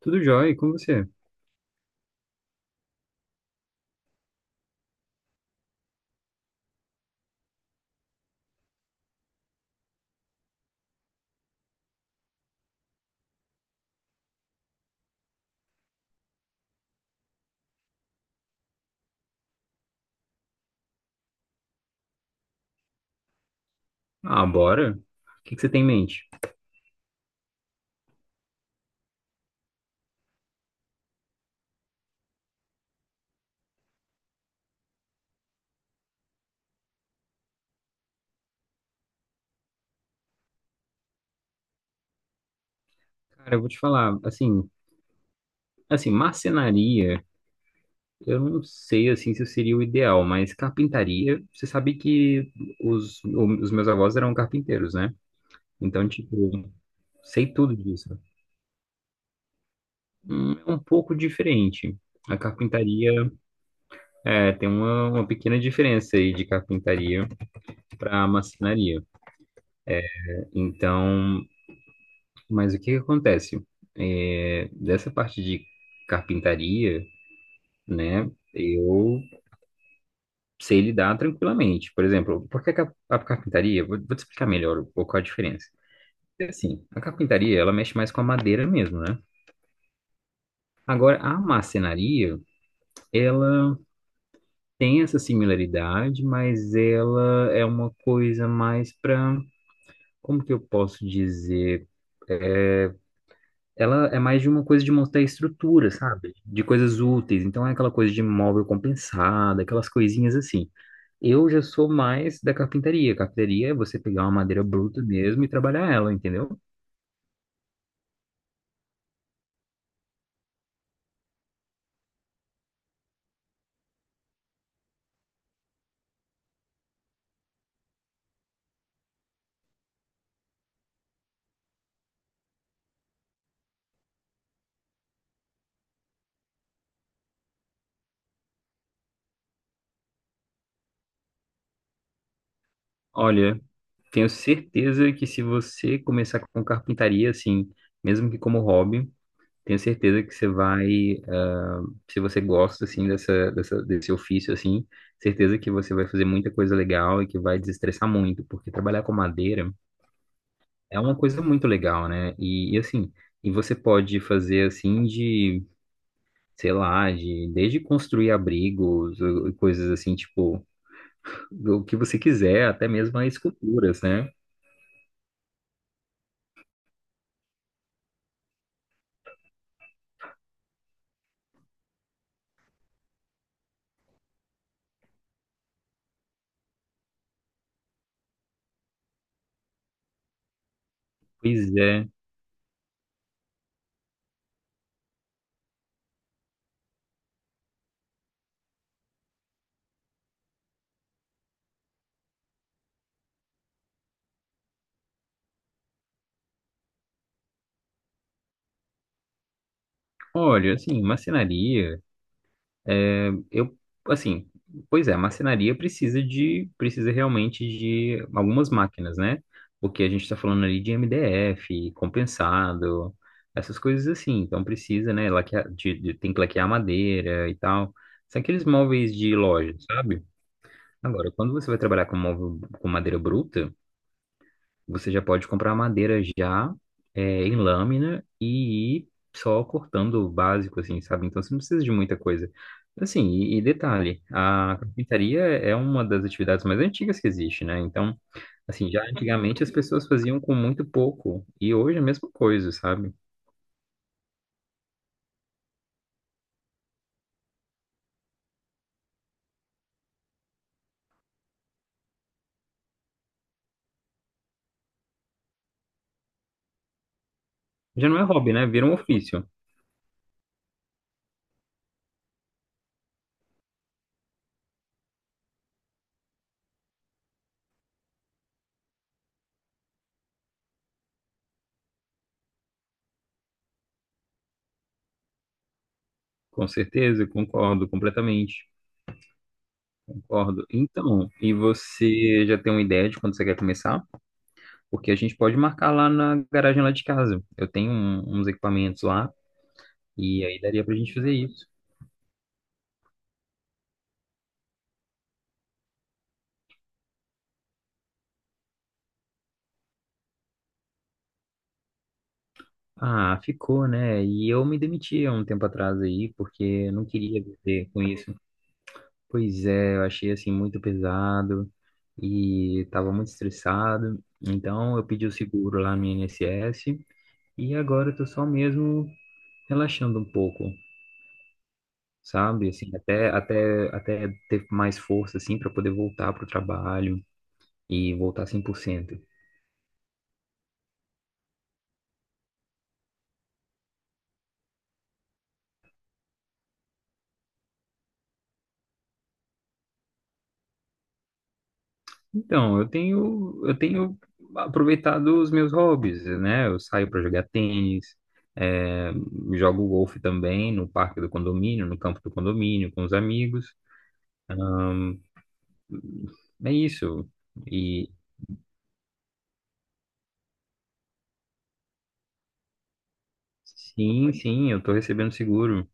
Tudo jóia, e com você? Ah, bora. O que que você tem em mente? Cara, eu vou te falar, assim, marcenaria, eu não sei, assim, se seria o ideal, mas carpintaria, você sabe que os meus avós eram carpinteiros, né? Então, tipo, sei tudo disso. É um pouco diferente. A carpintaria é, tem uma pequena diferença aí de carpintaria para marcenaria. Então, mas o que que acontece? É, dessa parte de carpintaria, né? Eu sei lidar tranquilamente. Por exemplo, por que que a carpintaria? Vou te explicar melhor um pouco a diferença. É assim, a carpintaria, ela mexe mais com a madeira mesmo, né? Agora, a marcenaria, ela tem essa similaridade, mas ela é uma coisa mais para, como que eu posso dizer? é, ela é mais de uma coisa de montar estrutura, sabe? De coisas úteis. Então é aquela coisa de móvel compensado, aquelas coisinhas assim. Eu já sou mais da carpintaria. Carpintaria é você pegar uma madeira bruta mesmo e trabalhar ela, entendeu? Olha, tenho certeza que se você começar com carpintaria, assim, mesmo que como hobby, tenho certeza que ah, se você gosta, assim, desse ofício, assim, certeza que você vai fazer muita coisa legal e que vai desestressar muito, porque trabalhar com madeira é uma coisa muito legal, né? Assim, e você pode fazer assim de, sei lá, de desde construir abrigos, ou coisas assim, tipo, o que você quiser, até mesmo as esculturas, né? Pois é. Olha, assim, marcenaria. É, eu, assim, pois é, a marcenaria precisa de, precisa realmente de algumas máquinas, né? Porque a gente está falando ali de MDF, compensado, essas coisas assim. Então precisa, né? Laquear, tem que laquear madeira e tal. São aqueles móveis de loja, sabe? Agora, quando você vai trabalhar com móvel com madeira bruta, você já pode comprar madeira já em lâmina e ir só cortando o básico, assim, sabe? Então você não precisa de muita coisa. Assim, e detalhe, a carpintaria é uma das atividades mais antigas que existe, né? Então, assim, já antigamente as pessoas faziam com muito pouco e hoje é a mesma coisa, sabe? Já não é hobby, né? Vira um ofício. Com certeza, concordo. Então, e você já tem uma ideia de quando você quer começar? Porque a gente pode marcar lá na garagem lá de casa. Eu tenho uns equipamentos lá e aí daria pra gente fazer isso. Ah, ficou, né? E eu me demiti há um tempo atrás aí, porque não queria viver com isso. Pois é, eu achei assim muito pesado e tava muito estressado. Então eu pedi o seguro lá no INSS e agora eu tô só mesmo relaxando um pouco, sabe? Assim, até ter mais força assim para poder voltar pro trabalho e voltar 100%. Então, eu tenho aproveitado os meus hobbies, né? Eu saio para jogar tênis, é, jogo golfe também no parque do condomínio, no campo do condomínio, com os amigos. É isso. E sim, sim, eu estou recebendo seguro.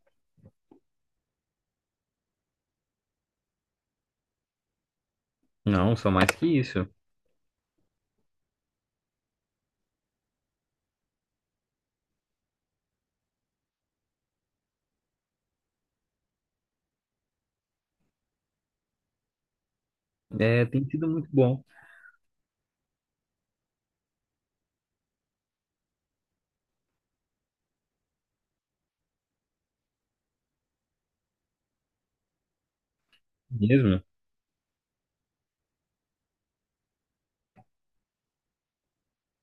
Não, só mais que isso. É, tem sido muito bom mesmo.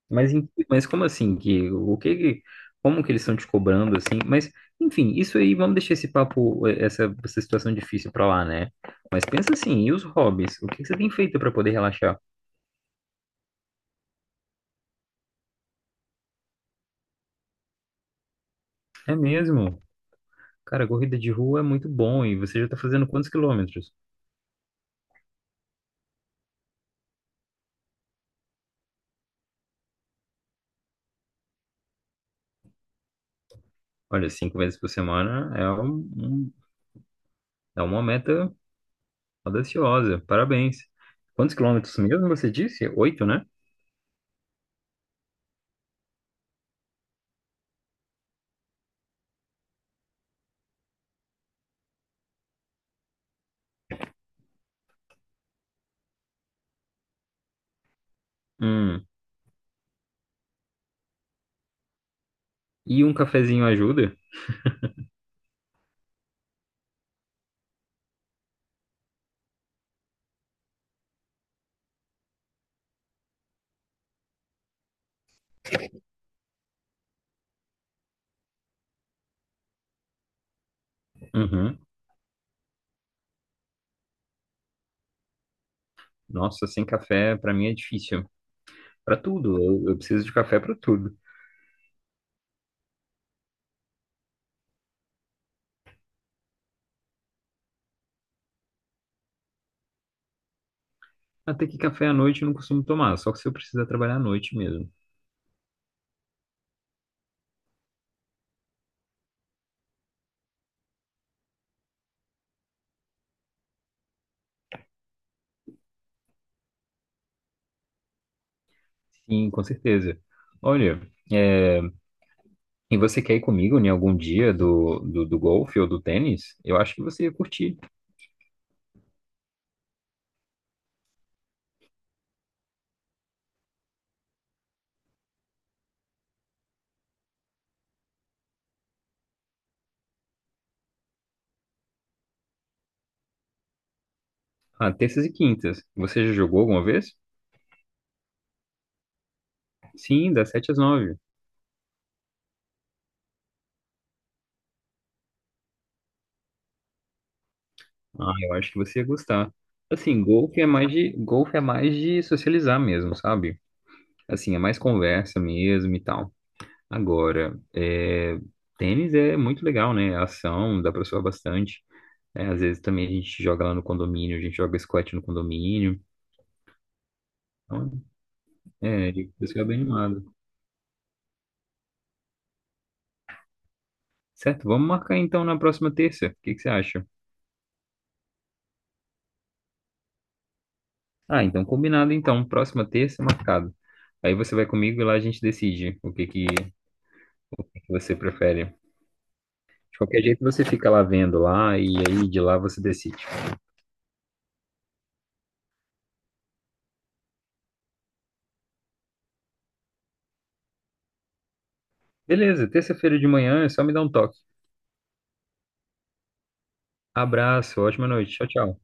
Mas, mas como assim que como que eles estão te cobrando assim? Mas enfim, isso aí vamos deixar esse papo essa situação difícil pra lá, né? Mas pensa assim, e os hobbies? O que que você tem feito pra poder relaxar? É mesmo? Cara, corrida de rua é muito bom e você já tá fazendo quantos quilômetros? Olha, 5 vezes por semana é é uma meta audaciosa. Parabéns. Quantos quilômetros mesmo você disse? Oito, né? Hum. E um cafezinho ajuda? Uhum. Nossa, sem café pra mim é difícil. Para tudo, eu preciso de café para tudo. Até que café à noite eu não costumo tomar, só que se eu precisar trabalhar à noite mesmo. Sim, com certeza. Olha, é, e você quer ir comigo em algum dia do golfe ou do tênis? Eu acho que você ia curtir. Ah, terças e quintas. Você já jogou alguma vez? Sim, das 7 às 9. Ah, eu acho que você ia gostar. Assim, golfe é mais de socializar mesmo, sabe? Assim, é mais conversa mesmo e tal. Agora, é, tênis é muito legal, né? A ação, dá pra suar bastante. É, às vezes também a gente joga lá no condomínio, a gente joga squat no condomínio. Então, é, a gente fica bem animado. Certo, vamos marcar então na próxima terça. O que que você acha? Ah, então combinado então. Próxima terça, marcado. Aí você vai comigo e lá a gente decide o que que você prefere. De qualquer jeito você fica lá vendo lá e aí de lá você decide. Beleza, terça-feira de manhã é só me dar um toque. Abraço, ótima noite. Tchau, tchau.